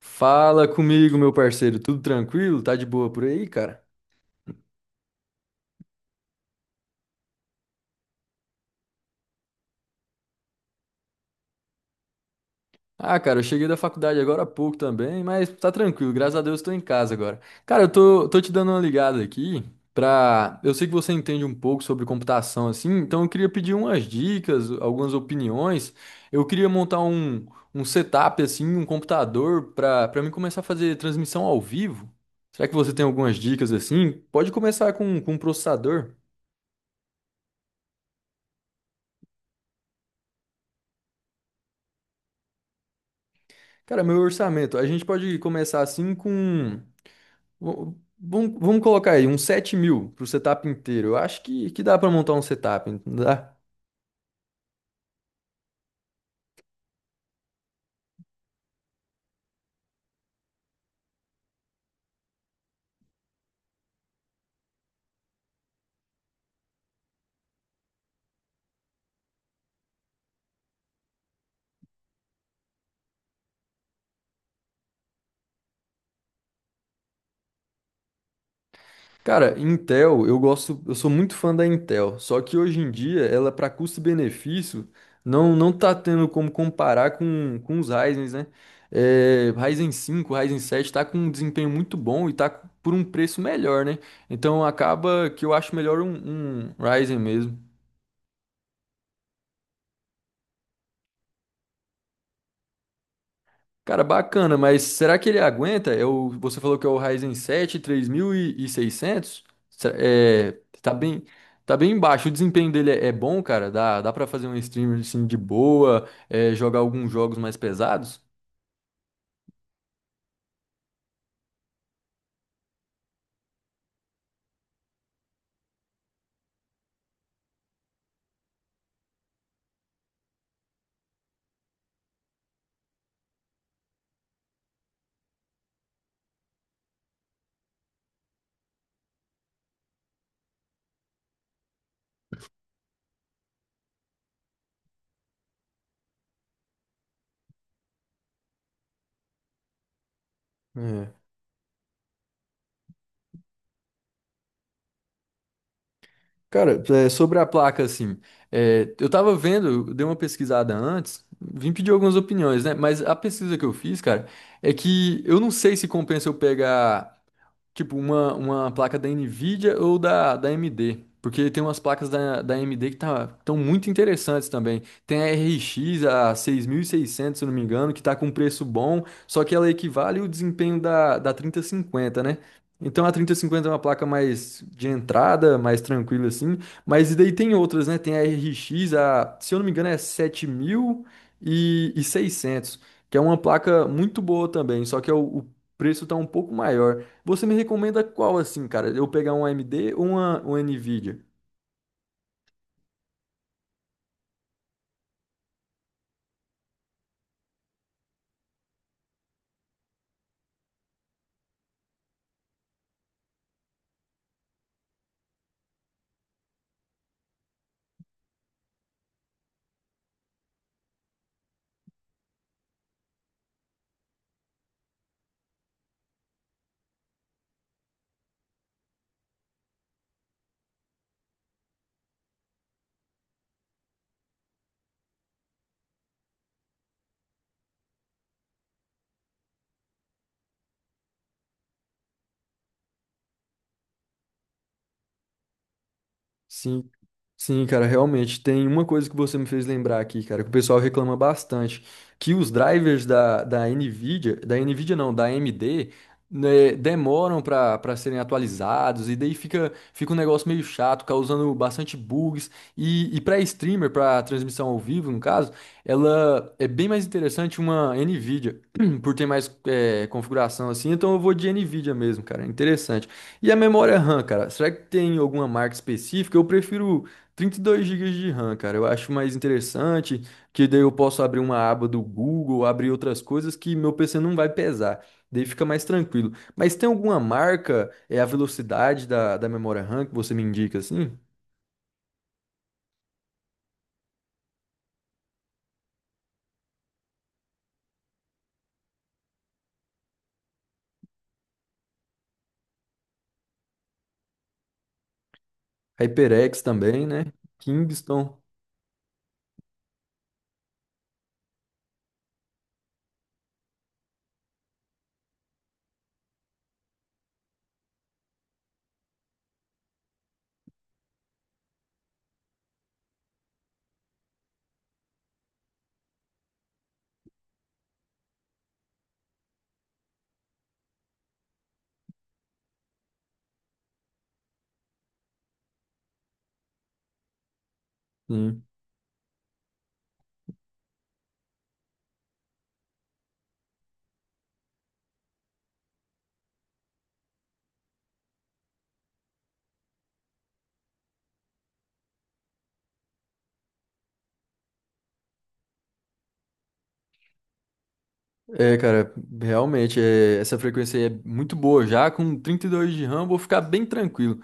Fala comigo, meu parceiro. Tudo tranquilo? Tá de boa por aí, cara? Ah, cara, eu cheguei da faculdade agora há pouco também, mas tá tranquilo, graças a Deus tô em casa agora. Cara, eu tô te dando uma ligada aqui pra. Eu sei que você entende um pouco sobre computação, assim, então eu queria pedir umas dicas, algumas opiniões. Eu queria montar um setup, assim, um computador pra mim começar a fazer transmissão ao vivo. Será que você tem algumas dicas assim? Pode começar com um processador. Cara, meu orçamento, a gente pode começar assim com. v- vamos colocar aí uns 7.000 pro setup inteiro. Eu acho que dá pra montar um setup, não dá? Cara, Intel, eu gosto, eu sou muito fã da Intel, só que hoje em dia ela, para custo-benefício, não tá tendo como comparar com os Ryzens, né? É, Ryzen 5, Ryzen 7 tá com um desempenho muito bom e tá por um preço melhor, né? Então acaba que eu acho melhor um Ryzen mesmo. Cara, bacana, mas será que ele aguenta? Eu, você falou que é o Ryzen 7 3600? É, tá bem, tá bem baixo. O desempenho dele é bom, cara. Dá para fazer um streamer assim de boa, é, jogar alguns jogos mais pesados? É. Cara, é, sobre a placa, assim, é, eu tava vendo, eu dei uma pesquisada antes, vim pedir algumas opiniões, né? Mas a pesquisa que eu fiz, cara, é que eu não sei se compensa eu pegar. Tipo, uma placa da Nvidia ou da AMD. Porque tem umas placas da AMD que tá, estão muito interessantes também. Tem a RX, a 6.600 se eu não me engano, que tá com um preço bom, só que ela equivale o desempenho da 3.050, né? Então a 3.050 é uma placa mais de entrada, mais tranquila assim. Mas e daí tem outras, né? Tem a RX, a, se eu não me engano, é 7.600, que é uma placa muito boa também, só que é o preço tá um pouco maior. Você me recomenda qual assim, cara? Eu pegar um AMD ou uma Nvidia? Sim, sim, cara, realmente. Tem uma coisa que você me fez lembrar aqui, cara, que o pessoal reclama bastante, que os drivers da, da NVIDIA não, da AMD, né, demoram para serem atualizados, e daí fica um negócio meio chato, causando bastante bugs. E para streamer, para transmissão ao vivo, no caso, ela é bem mais interessante uma NVIDIA, por ter mais configuração assim, então eu vou de NVIDIA mesmo, cara. É interessante. E a memória RAM, cara? Será que tem alguma marca específica? Eu prefiro 32 gigas de RAM, cara. Eu acho mais interessante, que daí eu posso abrir uma aba do Google, abrir outras coisas que meu PC não vai pesar. Daí fica mais tranquilo. Mas tem alguma marca, é a velocidade da memória RAM que você me indica, assim? HyperX também, né? Kingston. É, cara, realmente, é, essa frequência aí é muito boa já. Com 32 de RAM, vou ficar bem tranquilo.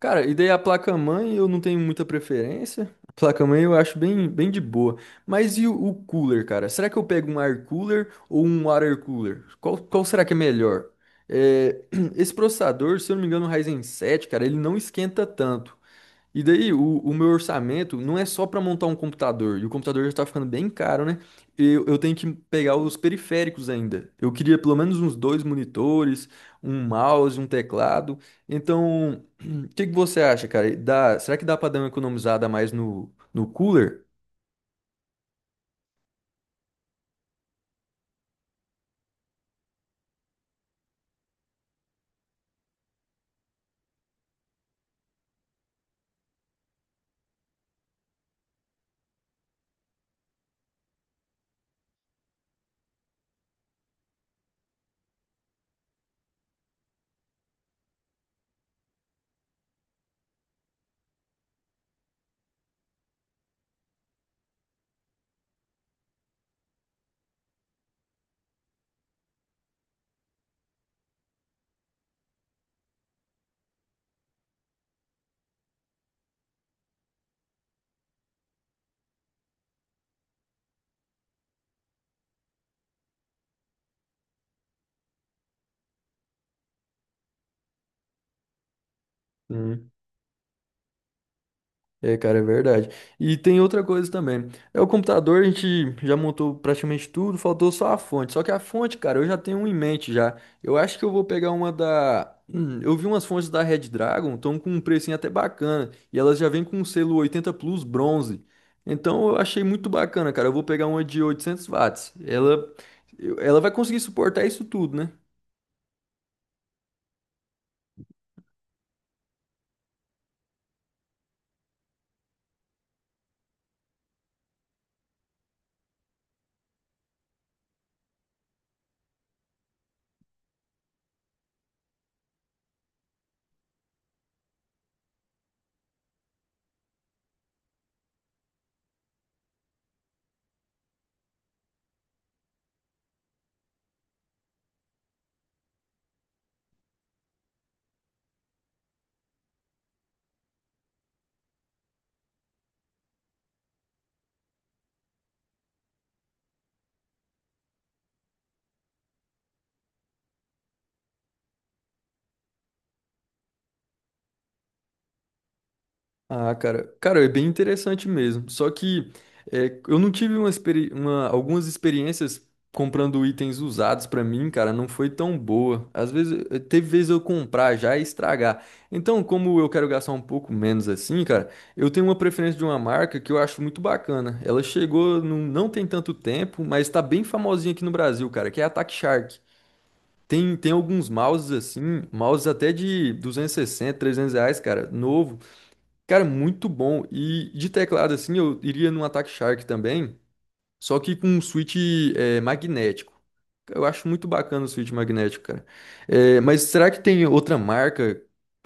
Cara, e daí a placa-mãe eu não tenho muita preferência. A placa-mãe eu acho bem, bem de boa. Mas e o cooler, cara? Será que eu pego um air cooler ou um water cooler? Qual será que é melhor? É, esse processador, se eu não me engano, o Ryzen 7, cara, ele não esquenta tanto. E daí, o meu orçamento não é só para montar um computador, e o computador já tá ficando bem caro, né? Eu tenho que pegar os periféricos ainda. Eu queria pelo menos uns dois monitores, um mouse, um teclado. Então, o que que você acha, cara? Dá, será que dá para dar uma economizada a mais no cooler? É, cara, é verdade. E tem outra coisa também. É o computador, a gente já montou praticamente tudo, faltou só a fonte. Só que a fonte, cara, eu já tenho uma em mente já. Eu acho que eu vou pegar uma da. Eu vi umas fontes da Red Dragon, estão com um precinho até bacana. E elas já vêm com um selo 80 Plus bronze. Então eu achei muito bacana, cara. Eu vou pegar uma de 800 watts. Ela, ela vai conseguir suportar isso tudo, né? Ah, cara, cara, é bem interessante mesmo. Só que é, eu não tive algumas experiências comprando itens usados pra mim, cara, não foi tão boa. Às vezes, teve vezes eu comprar já e estragar. Então, como eu quero gastar um pouco menos assim, cara, eu tenho uma preferência de uma marca que eu acho muito bacana. Ela chegou não tem tanto tempo, mas tá bem famosinha aqui no Brasil, cara, que é a Attack Shark. Tem alguns mouses assim, mouses até de 260, 300 reais, cara, novo. Cara, muito bom. E de teclado, assim, eu iria num Attack Shark também, só que com um switch é, magnético. Eu acho muito bacana o switch magnético, cara. É, mas será que tem outra marca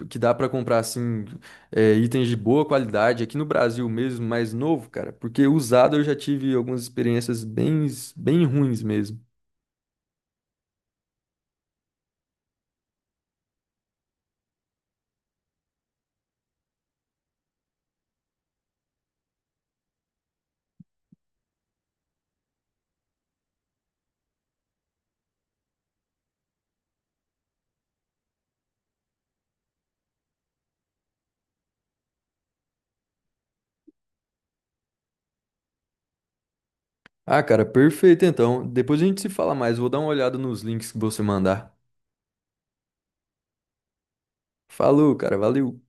que dá pra comprar, assim, é, itens de boa qualidade aqui no Brasil mesmo, mais novo, cara? Porque usado eu já tive algumas experiências bem ruins mesmo. Ah, cara, perfeito então. Depois a gente se fala mais. Vou dar uma olhada nos links que você mandar. Falou, cara, valeu.